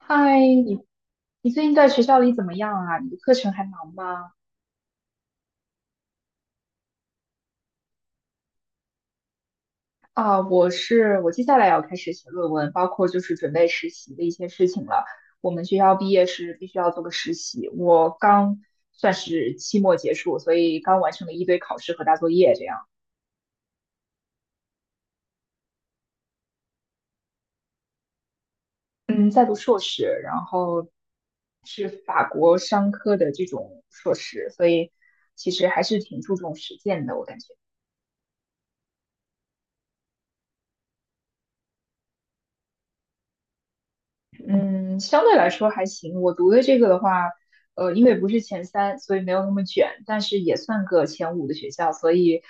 嗨，你最近在学校里怎么样啊？你的课程还忙吗？我接下来要开始写论文，包括就是准备实习的一些事情了。我们学校毕业是必须要做个实习，我刚算是期末结束，所以刚完成了一堆考试和大作业这样。嗯，在读硕士，然后是法国商科的这种硕士，所以其实还是挺注重实践的，我感觉。嗯，相对来说还行。我读的这个的话，因为不是前三，所以没有那么卷，但是也算个前五的学校，所以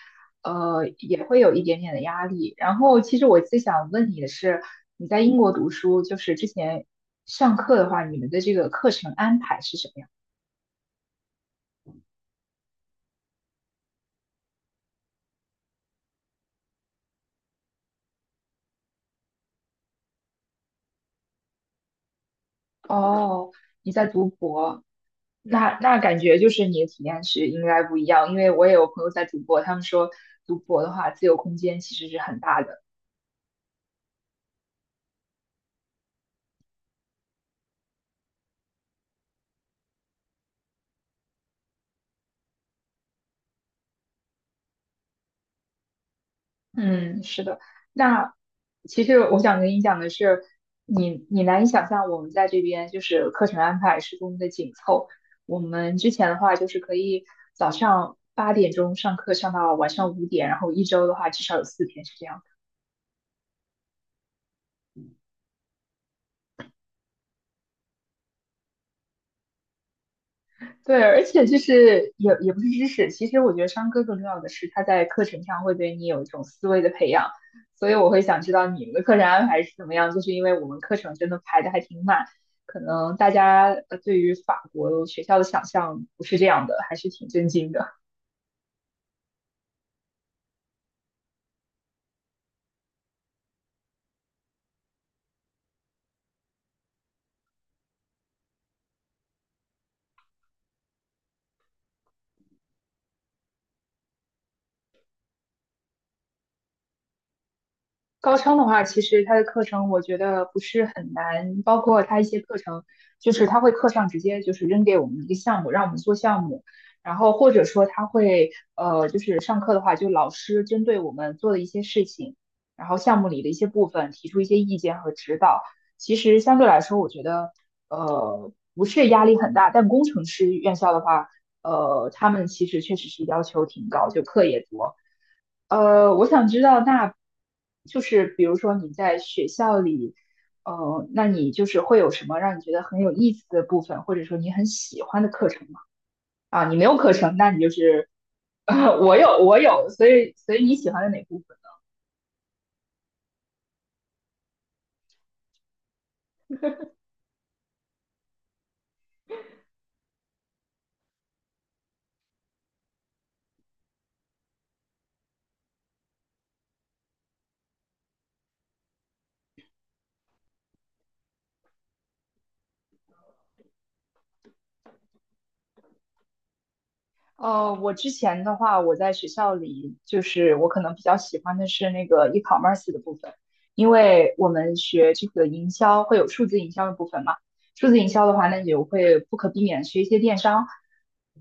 也会有一点点的压力。然后，其实我最想问你的是，你在英国读书，就是之前上课的话，你们的这个课程安排是什么样？哦，你在读博，那感觉就是你的体验是应该不一样，因为我也有朋友在读博，他们说读博的话，自由空间其实是很大的。嗯，是的。那其实我想跟你讲的是，你难以想象我们在这边就是课程安排是多么的紧凑。我们之前的话就是可以早上8点钟上课上到晚上5点，然后一周的话至少有4天是这样。对，而且就是也不是知识，其实我觉得商科更重要的是他在课程上会对你有一种思维的培养，所以我会想知道你们的课程安排是怎么样，就是因为我们课程真的排的还挺满，可能大家对于法国学校的想象不是这样的，还是挺震惊的。高昌的话，其实他的课程我觉得不是很难，包括他一些课程，就是他会课上直接就是扔给我们一个项目，让我们做项目，然后或者说他会就是上课的话，就老师针对我们做的一些事情，然后项目里的一些部分提出一些意见和指导。其实相对来说，我觉得不是压力很大，但工程师院校的话。呃，他们其实确实是要求挺高，就课也多。呃，我想知道，那就是比如说你在学校里，呃，那你就是会有什么让你觉得很有意思的部分，或者说你很喜欢的课程吗？啊，你没有课程，那你就是，我有我有所以所以你喜欢的哪部分？呃，我之前的话，我在学校里，就是我可能比较喜欢的是那个 e-commerce 的部分，因为我们学这个营销会有数字营销的部分嘛。数字营销的话，那你就会不可避免地学一些电商。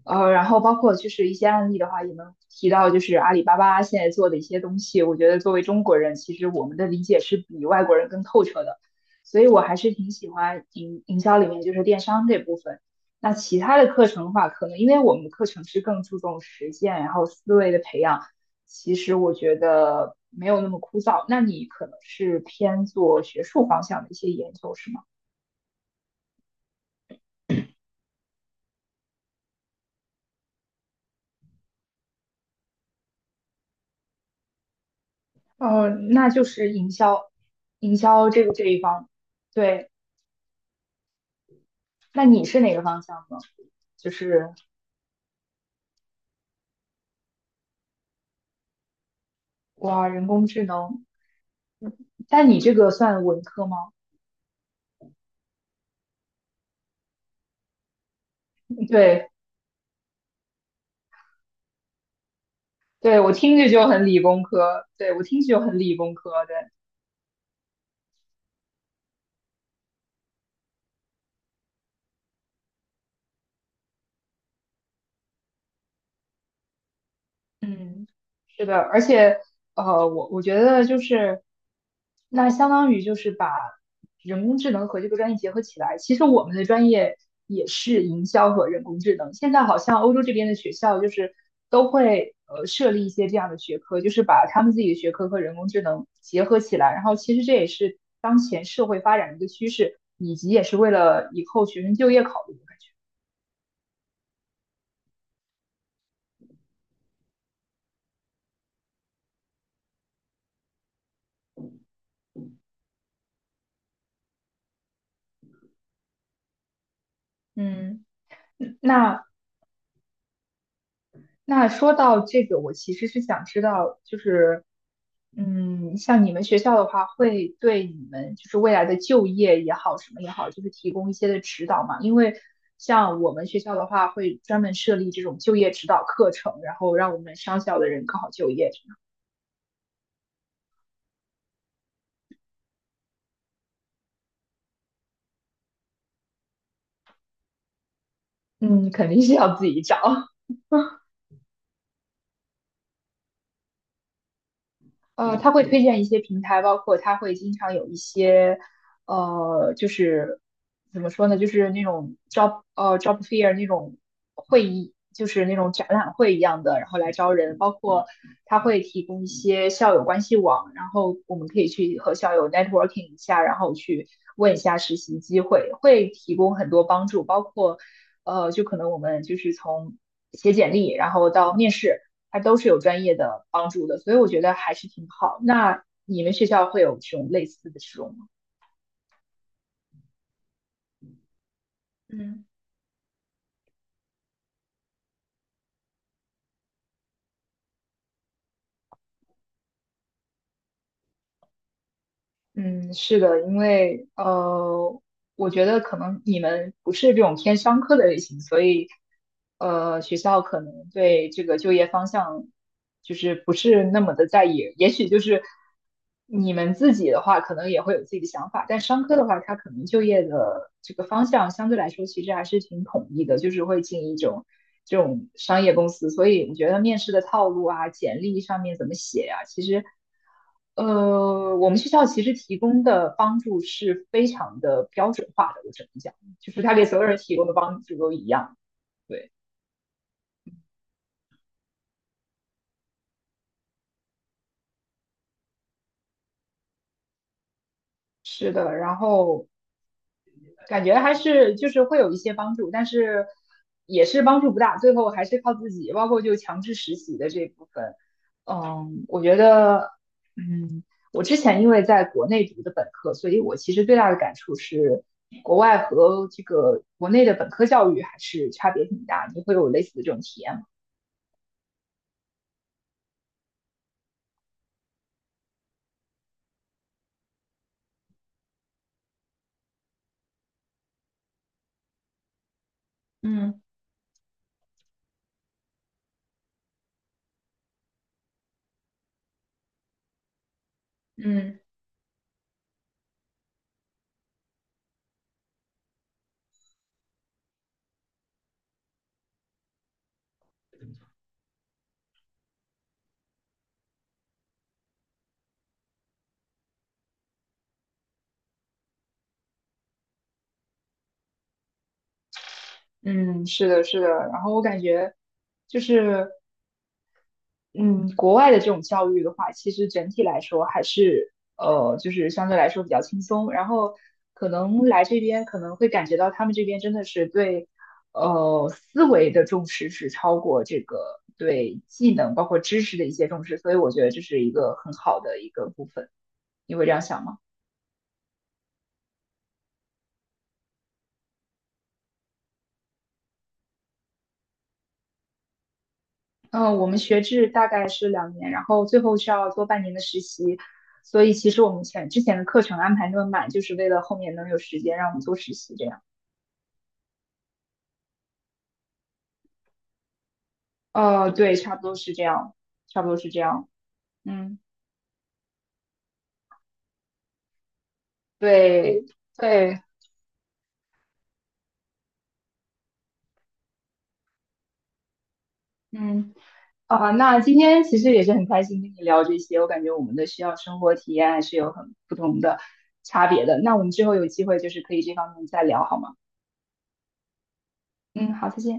呃，然后包括就是一些案例的话，也能提到就是阿里巴巴现在做的一些东西，我觉得作为中国人，其实我们的理解是比外国人更透彻的，所以我还是挺喜欢营销里面就是电商这部分。那其他的课程的话，可能因为我们的课程是更注重实践，然后思维的培养，其实我觉得没有那么枯燥。那你可能是偏做学术方向的一些研究，是吗？呃，那就是营销，营销这个这一方，对。那你是哪个方向呢？就是哇，人工智能，但你这个算文科吗？对，对，我听着就很理工科，对，我听着就很理工科，对。嗯，是的，而且我觉得就是，那相当于就是把人工智能和这个专业结合起来。其实我们的专业也是营销和人工智能。现在好像欧洲这边的学校就是都会设立一些这样的学科，就是把他们自己的学科和人工智能结合起来。然后其实这也是当前社会发展的一个趋势，以及也是为了以后学生就业考虑，我感觉。嗯。那那说到这个，我其实是想知道，就是，嗯，像你们学校的话，会对你们就是未来的就业也好，什么也好，就是提供一些的指导嘛？因为像我们学校的话，会专门设立这种就业指导课程，然后让我们商校的人更好就业，这样嗯，肯定是要自己找。呃，他会推荐一些平台，包括他会经常有一些，呃，就是怎么说呢，就是那种 job job fair 那种会议，就是那种展览会一样的，然后来招人。包括他会提供一些校友关系网，然后我们可以去和校友 networking 一下，然后去问一下实习机会，会提供很多帮助，包括就可能我们就是从写简历，然后到面试。它都是有专业的帮助的，所以我觉得还是挺好。那你们学校会有这种类似的这种吗？嗯嗯，是的，因为我觉得可能你们不是这种偏商科的类型，所以学校可能对这个就业方向就是不是那么的在意。也许就是你们自己的话，可能也会有自己的想法，但商科的话，它可能就业的这个方向相对来说其实还是挺统一的，就是会进一种这种商业公司。所以我觉得面试的套路啊、简历上面怎么写呀、其实。呃，我们学校其实提供的帮助是非常的标准化的，我只能讲，就是他给所有人提供的帮助都一样。对，是的。然后感觉还是就是会有一些帮助，但是也是帮助不大，最后还是靠自己，包括就强制实习的这部分，嗯，我觉得，嗯，我之前因为在国内读的本科，所以我其实最大的感触是，国外和这个国内的本科教育还是差别挺大，你会有类似的这种体验吗？嗯嗯嗯，是的，是的。然后我感觉就是嗯，国外的这种教育的话，其实整体来说还是就是相对来说比较轻松。然后可能来这边可能会感觉到他们这边真的是对思维的重视是超过这个对技能包括知识的一些重视，所以我觉得这是一个很好的一个部分。你会这样想吗？嗯，我们学制大概是2年，然后最后需要做半年的实习，所以其实我们之前的课程安排那么满，就是为了后面能有时间让我们做实习这样。哦，对，差不多是这样，差不多是这样。嗯，嗯对，对，嗯，啊，那今天其实也是很开心跟你聊这些，我感觉我们的学校生活体验还是有很不同的差别的。那我们之后有机会就是可以这方面再聊，好吗？嗯，好，再见。